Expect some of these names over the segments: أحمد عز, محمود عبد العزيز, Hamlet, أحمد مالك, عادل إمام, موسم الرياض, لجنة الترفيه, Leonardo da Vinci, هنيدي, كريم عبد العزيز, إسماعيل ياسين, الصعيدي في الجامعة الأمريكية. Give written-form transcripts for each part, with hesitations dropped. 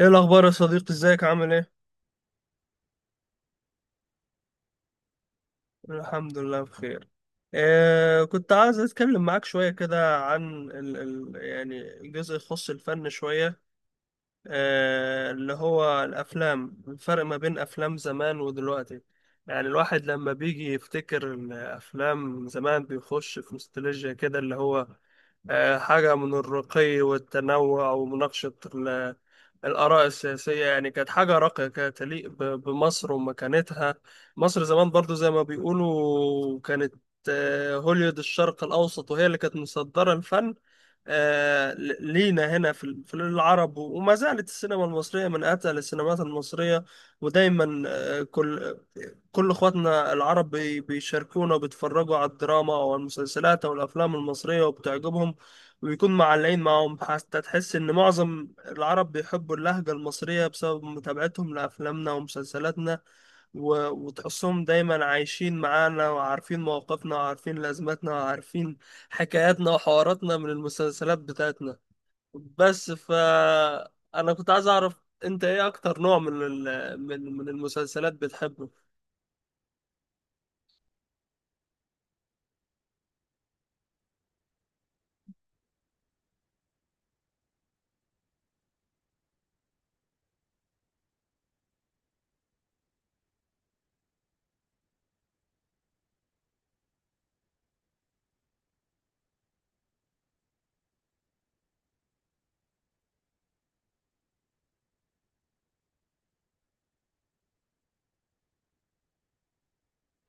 ايه الاخبار يا صديقي، ازيك، عامل ايه؟ الحمد لله بخير. كنت عايز اتكلم معاك شويه كده عن ال ال يعني الجزء يخص الفن شويه. اللي هو الافلام، الفرق ما بين افلام زمان ودلوقتي. يعني الواحد لما بيجي يفتكر الافلام زمان بيخش في نوستالجيا كده، اللي هو حاجه من الرقي والتنوع ومناقشه الآراء السياسية. يعني كانت حاجة راقية كده تليق بمصر ومكانتها. مصر زمان برضو زي ما بيقولوا كانت هوليود الشرق الأوسط، وهي اللي كانت مصدرة الفن لينا هنا في العرب، وما زالت السينما المصرية من أتقل السينمات المصرية. ودايما كل اخواتنا العرب بيشاركونا وبيتفرجوا على الدراما او المسلسلات او الافلام المصريه وبتعجبهم، وبيكون معلقين معاهم حتى تحس ان معظم العرب بيحبوا اللهجه المصريه بسبب متابعتهم لافلامنا ومسلسلاتنا. و- وتحسهم دايما عايشين معانا وعارفين مواقفنا وعارفين لازماتنا وعارفين حكاياتنا وحواراتنا من المسلسلات بتاعتنا. بس انا كنت عايز اعرف انت ايه اكتر نوع من ال- من من المسلسلات بتحبه؟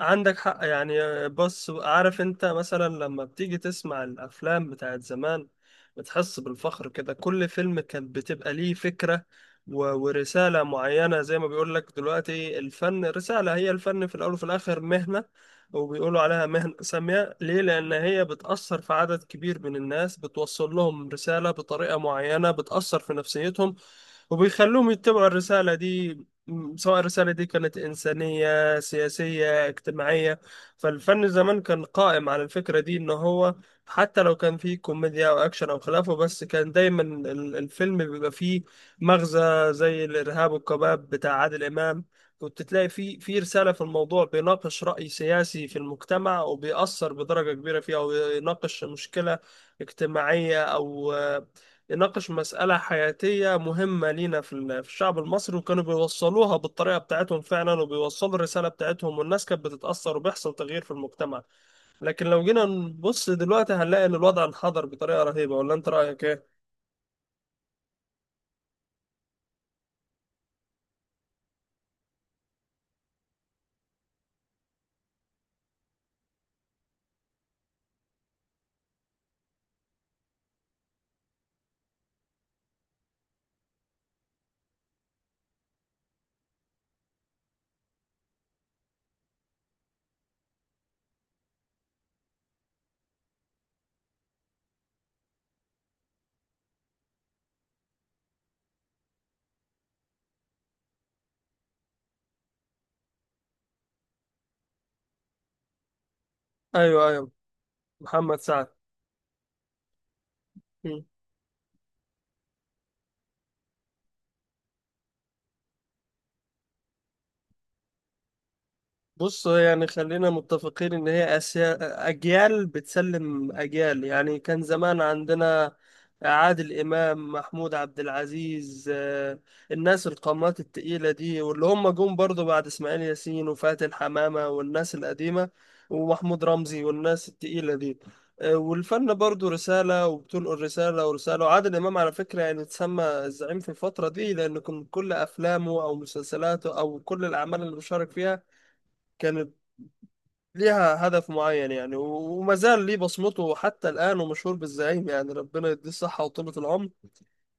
عندك حق، يعني بص، عارف انت مثلا لما بتيجي تسمع الافلام بتاعت زمان بتحس بالفخر كده، كل فيلم كان بتبقى ليه فكرة و- ورسالة معينة. زي ما بيقول لك دلوقتي الفن رسالة، هي الفن في الاول وفي الاخر مهنة، وبيقولوا عليها مهنة سامية ليه؟ لان هي بتأثر في عدد كبير من الناس، بتوصل لهم رسالة بطريقة معينة بتأثر في نفسيتهم وبيخلوهم يتبعوا الرسالة دي، سواء الرسالة دي كانت إنسانية سياسية اجتماعية. فالفن زمان كان قائم على الفكرة دي، إن هو حتى لو كان فيه كوميديا أو أكشن أو خلافه بس كان دايما الفيلم بيبقى فيه مغزى، زي الإرهاب والكباب بتاع عادل إمام، كنت تلاقي فيه في رسالة في الموضوع، بيناقش رأي سياسي في المجتمع وبيأثر بدرجة كبيرة فيه، أو يناقش مشكلة اجتماعية، أو يناقش مسألة حياتية مهمة لينا في الشعب المصري، وكانوا بيوصلوها بالطريقة بتاعتهم فعلا وبيوصلوا الرسالة بتاعتهم، والناس كانت بتتأثر وبيحصل تغيير في المجتمع. لكن لو جينا نبص دلوقتي هنلاقي إن الوضع انحدر بطريقة رهيبة، ولا أنت رأيك إيه؟ أيوه، أيوه. محمد سعد. بص، يعني خلينا متفقين ان هي أسيا، اجيال بتسلم اجيال. يعني كان زمان عندنا عادل امام، محمود عبد العزيز، الناس القامات التقيلة دي، واللي هم جم برضو بعد اسماعيل ياسين وفاتن حمامة والناس القديمة ومحمود رمزي والناس التقيلة دي. والفن برضو رسالة وبتنقل رسالة ورسالة. وعادل إمام على فكرة يعني اتسمى الزعيم في الفترة دي لأن كان كل أفلامه أو مسلسلاته أو كل الأعمال اللي بيشارك فيها كانت ليها هدف معين. يعني وما زال ليه بصمته حتى الآن ومشهور بالزعيم، يعني ربنا يديه الصحة وطولة العمر.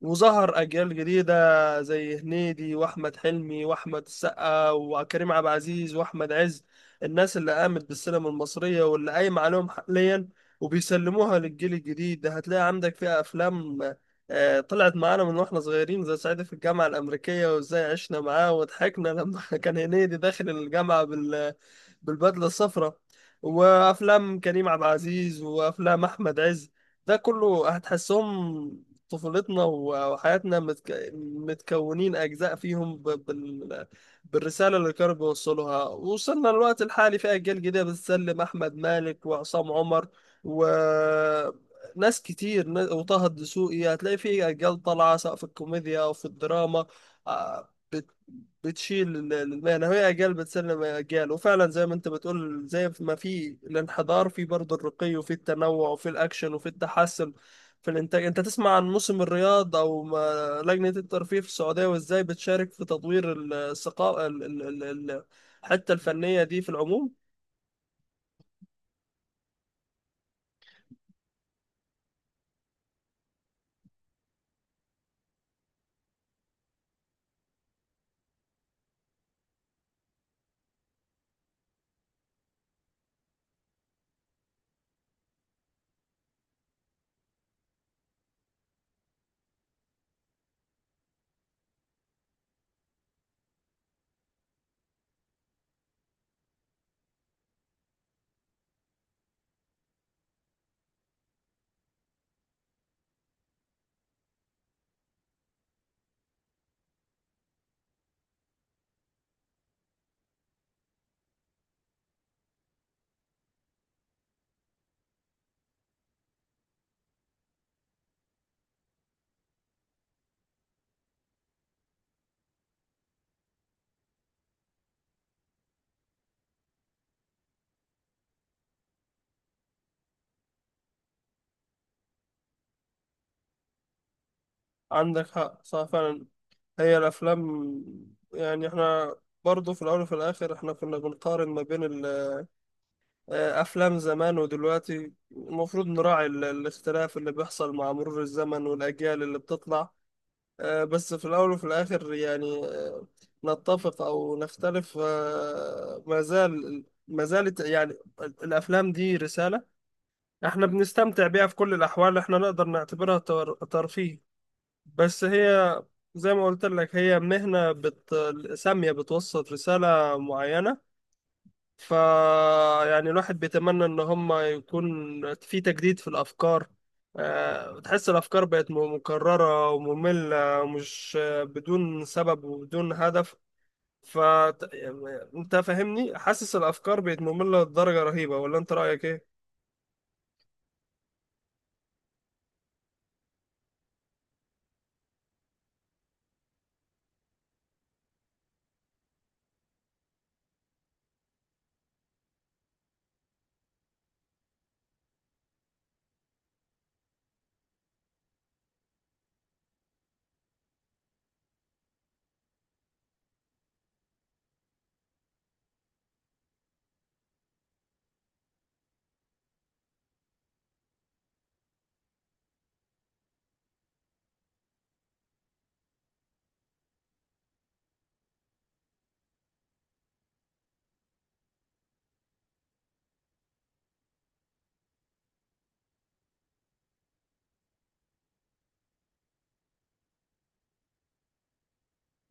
وظهر أجيال جديدة زي هنيدي وأحمد حلمي وأحمد السقا وكريم عبد العزيز وأحمد عز، الناس اللي قامت بالسينما المصرية واللي قايمة عليهم حاليا وبيسلموها للجيل الجديد ده. هتلاقي عندك فيها أفلام طلعت معانا من واحنا صغيرين زي صعيدي في الجامعة الأمريكية، وإزاي عشنا معاه وضحكنا لما كان هنيدي داخل الجامعة بالبدلة الصفراء. وأفلام كريم عبد العزيز وأفلام أحمد عز، ده كله هتحسهم طفولتنا وحياتنا، متكونين أجزاء فيهم بالرسالة اللي كانوا بيوصلوها. وصلنا للوقت الحالي في أجيال جديدة بتسلم، أحمد مالك وعصام عمر و ناس كتير، وطه الدسوقي. هتلاقي في أجيال طالعة سواء في الكوميديا أو في الدراما، آه، بت... بتشيل المهنة، وهي أجيال بتسلم أجيال. وفعلا زي ما أنت بتقول زي ما في الانحدار في برضه الرقي وفي التنوع وفي الأكشن وفي التحسن في الإنتاج. أنت تسمع عن موسم الرياض أو ما- لجنة الترفيه في السعودية وإزاي بتشارك في تطوير ال- الثقافة ال- ال- ال- ال- الحتة الفنية دي في العموم. عندك حق، صح فعلا. هي الأفلام، يعني إحنا برضه في الأول وفي الآخر إحنا كنا بنقارن ما بين أفلام زمان ودلوقتي، المفروض نراعي الاختلاف اللي بيحصل مع مرور الزمن والأجيال اللي بتطلع. بس في الأول وفي الآخر يعني، نتفق أو نختلف، ما زال ما زالت، يعني الأفلام دي رسالة. احنا بنستمتع بيها في كل الأحوال، احنا نقدر نعتبرها ترفيه. بس هي زي ما قلت لك هي مهنة سامية بتوصل رسالة معينة. ف يعني الواحد بيتمنى ان هم يكون في تجديد في الافكار. تحس الافكار بقت مكرره وممله ومش بدون سبب وبدون هدف. ف انت فاهمني، حاسس الافكار بقت ممله لدرجه رهيبه، ولا انت رايك ايه؟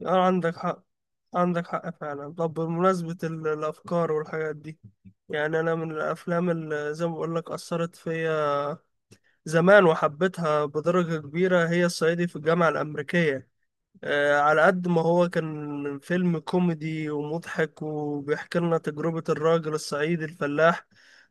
اه، عندك حق، عندك حق فعلا. طب بمناسبة الأفكار والحاجات دي، يعني أنا من الأفلام اللي زي ما بقول لك أثرت فيا زمان وحبيتها بدرجة كبيرة هي الصعيدي في الجامعة الأمريكية. على قد ما هو كان فيلم كوميدي ومضحك وبيحكي لنا تجربة الراجل الصعيدي الفلاح،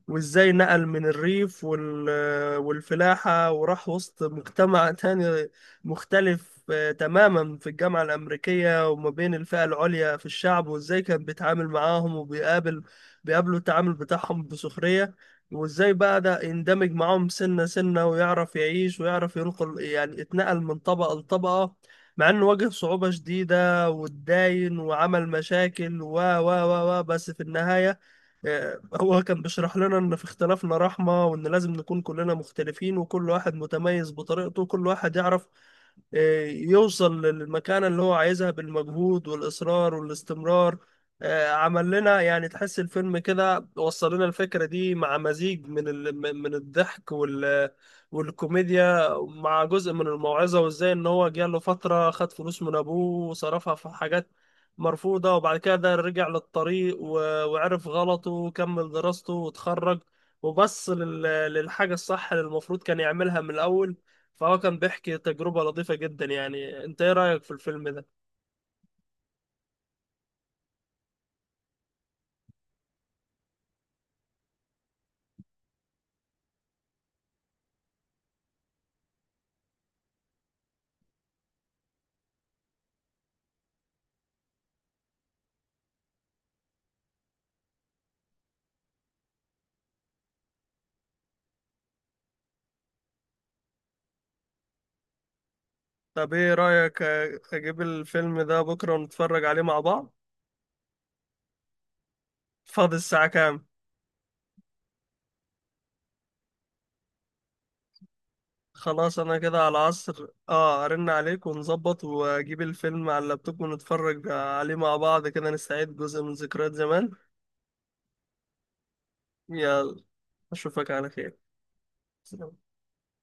وازاي نقل من الريف والفلاحة وراح وسط مجتمع تاني مختلف تماما في الجامعة الأمريكية، وما بين الفئة العليا في الشعب، وازاي كان بيتعامل معاهم بيقابلوا التعامل بتاعهم بسخرية، وازاي بدأ يندمج معاهم سنة سنة ويعرف يعيش ويعرف ينقل، يعني اتنقل من طبقة لطبقة مع انه واجه صعوبة شديدة واتداين وعمل مشاكل و و و و بس في النهاية هو كان بيشرح لنا ان في اختلافنا رحمة، وان لازم نكون كلنا مختلفين وكل واحد متميز بطريقته، وكل واحد يعرف يوصل للمكانة اللي هو عايزها بالمجهود والإصرار والاستمرار. عمل لنا، يعني تحس الفيلم كده وصل لنا الفكرة دي مع مزيج من الضحك والكوميديا، مع جزء من الموعظة. وإزاي إن هو جاله فترة خد فلوس من أبوه وصرفها في حاجات مرفوضة، وبعد كده رجع للطريق و... وعرف غلطه وكمل دراسته واتخرج، وبص للحاجة الصح اللي المفروض كان يعملها من الأول. فهو كان بيحكي تجربة لطيفة جدا. يعني انت ايه رأيك في الفيلم ده؟ طب ايه رأيك اجيب الفيلم ده بكرة ونتفرج عليه مع بعض؟ فاضي الساعة كام؟ خلاص، انا كده على العصر، ارن عليك ونظبط واجيب الفيلم على اللابتوب ونتفرج عليه مع بعض كده، نستعيد جزء من ذكريات زمان. يلا، اشوفك على خير.